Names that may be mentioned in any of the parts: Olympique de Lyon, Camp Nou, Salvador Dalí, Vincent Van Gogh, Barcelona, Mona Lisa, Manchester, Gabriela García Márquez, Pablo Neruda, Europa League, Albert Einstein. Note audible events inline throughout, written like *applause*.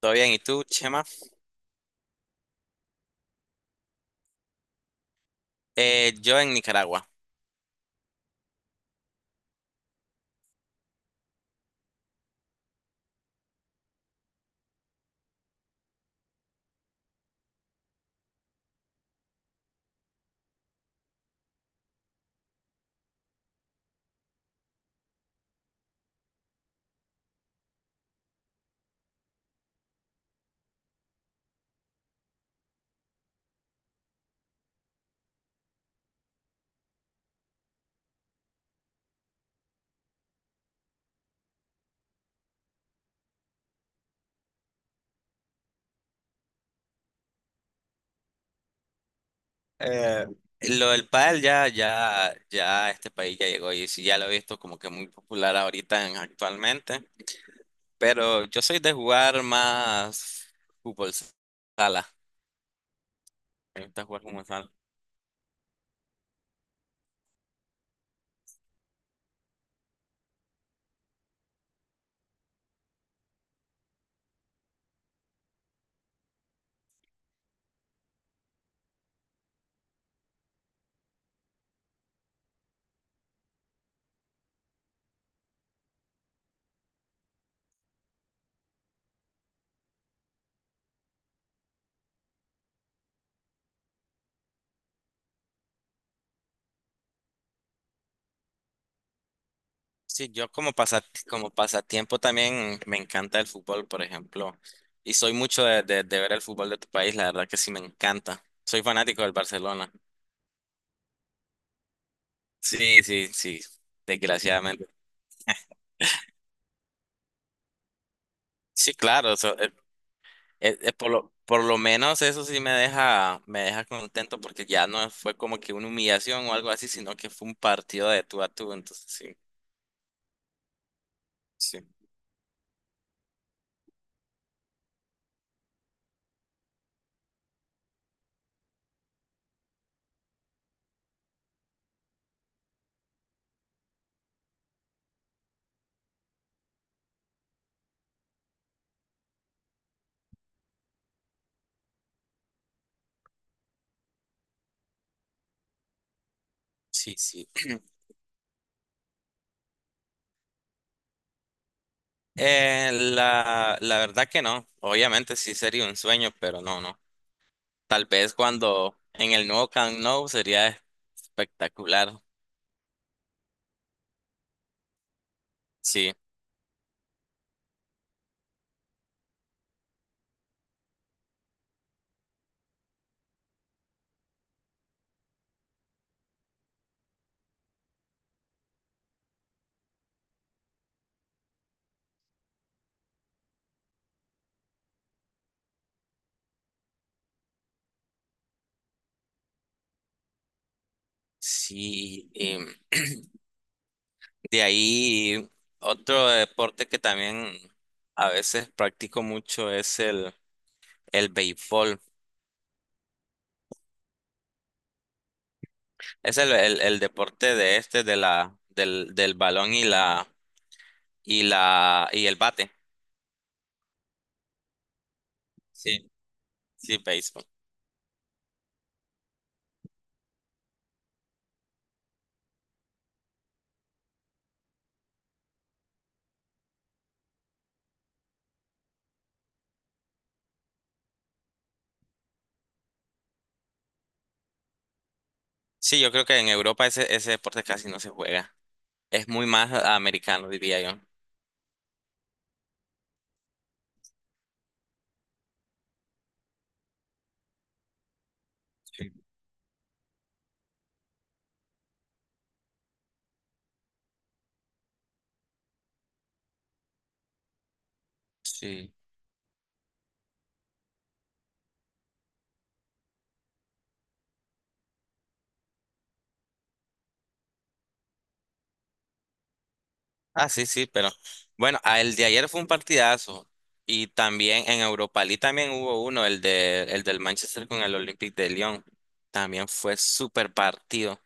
Todo bien, ¿y tú, Chema? Yo en Nicaragua. Eh, lo del pádel ya este país ya llegó y sí, ya lo he visto como que muy popular actualmente. Pero yo soy de jugar más fútbol sala. Me gusta jugar fútbol sala. Sí, yo como como pasatiempo también me encanta el fútbol, por ejemplo. Y soy mucho de ver el fútbol de tu país, la verdad que sí me encanta. Soy fanático del Barcelona. Sí, sí, sí, desgraciadamente. Sí, claro, eso. Por por lo menos eso sí me deja contento porque ya no fue como que una humillación o algo así, sino que fue un partido de tú a tú. Entonces sí, sí, sí, sí. *clears throat* La, la verdad que no. Obviamente sí sería un sueño, pero no, no. Tal vez cuando en el nuevo Camp Nou sería espectacular. Sí, sí, y de ahí otro deporte que también a veces practico mucho es el béisbol. Es el deporte de este, de del balón y la, y el bate. Sí, sí, béisbol. Sí, yo creo que en Europa ese deporte casi no se juega. Es muy más americano, diría yo. Sí. Sí. Ah, sí, sí, pero bueno, ah, el de ayer fue un partidazo. Y también en Europa League también hubo uno, el del Manchester con el Olympique de Lyon. También fue súper partido.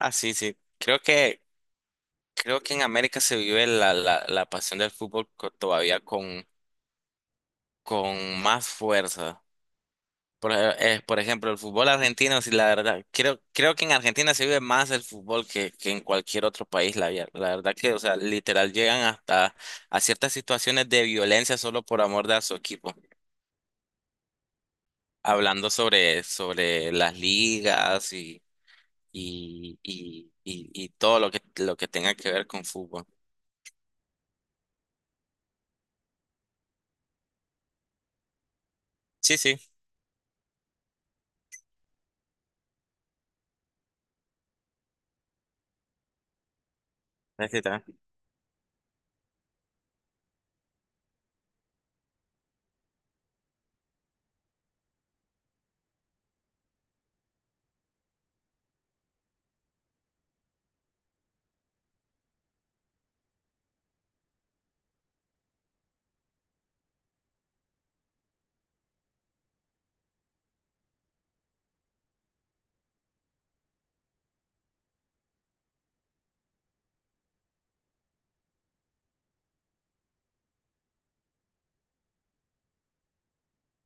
Ah, sí, sí. Creo que en América se vive la pasión del fútbol todavía con más fuerza. Por ejemplo, el fútbol argentino, sí, la verdad, creo que en Argentina se vive más el fútbol que en cualquier otro país. La verdad que, o sea, literal llegan hasta a ciertas situaciones de violencia solo por amor de a su equipo. Hablando sobre las ligas y, y todo lo que tenga que ver con fútbol. Sí, sí, ahí está.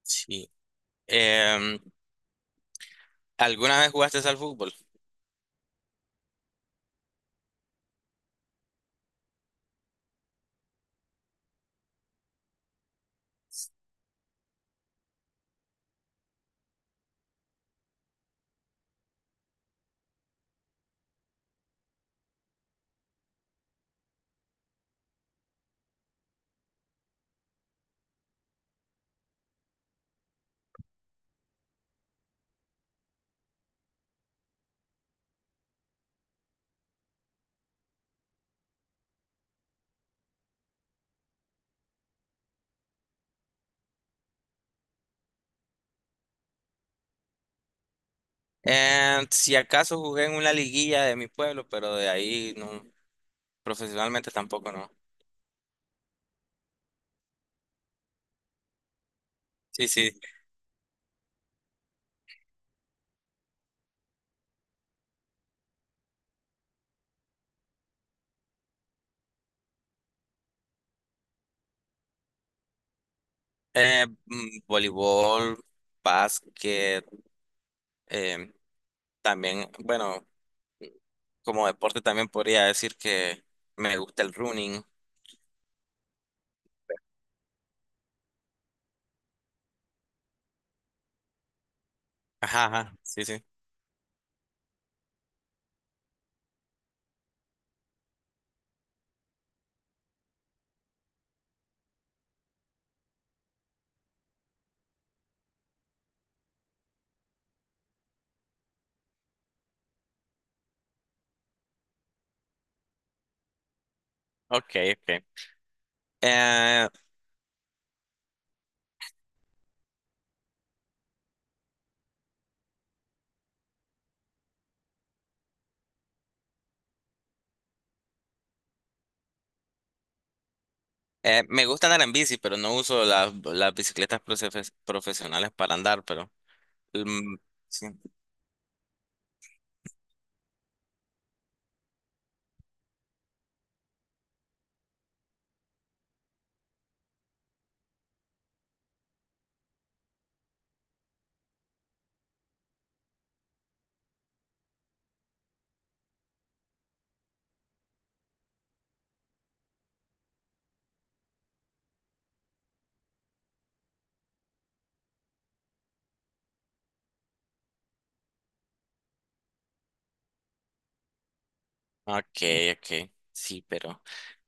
Sí. Em, ¿Alguna vez jugaste al fútbol? Si acaso jugué en una liguilla de mi pueblo, pero de ahí no, profesionalmente tampoco no. Sí, sí. Voleibol, básquet, eh, también, bueno, como deporte también podría decir que me gusta el running. Ajá, ajá, sí, sí. Ok, ok. Eh, Me gusta andar en bici, pero no uso las bicicletas profesionales para andar, pero... Mm, sí. Ok, ok. Sí, pero...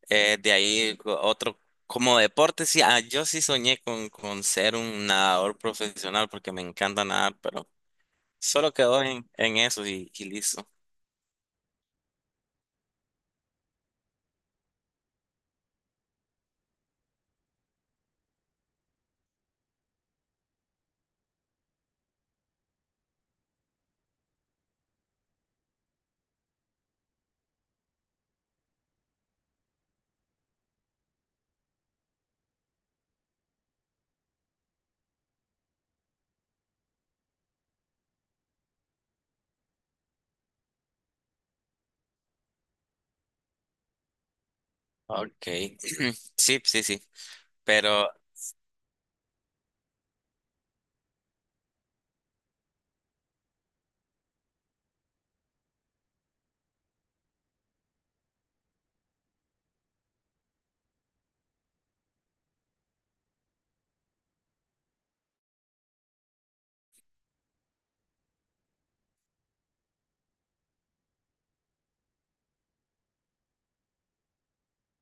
Otro, como deporte, sí, ah, yo sí soñé con ser un nadador profesional porque me encanta nadar, pero solo quedó en eso y listo. Ok, *clears throat* sí, sí, sí, pero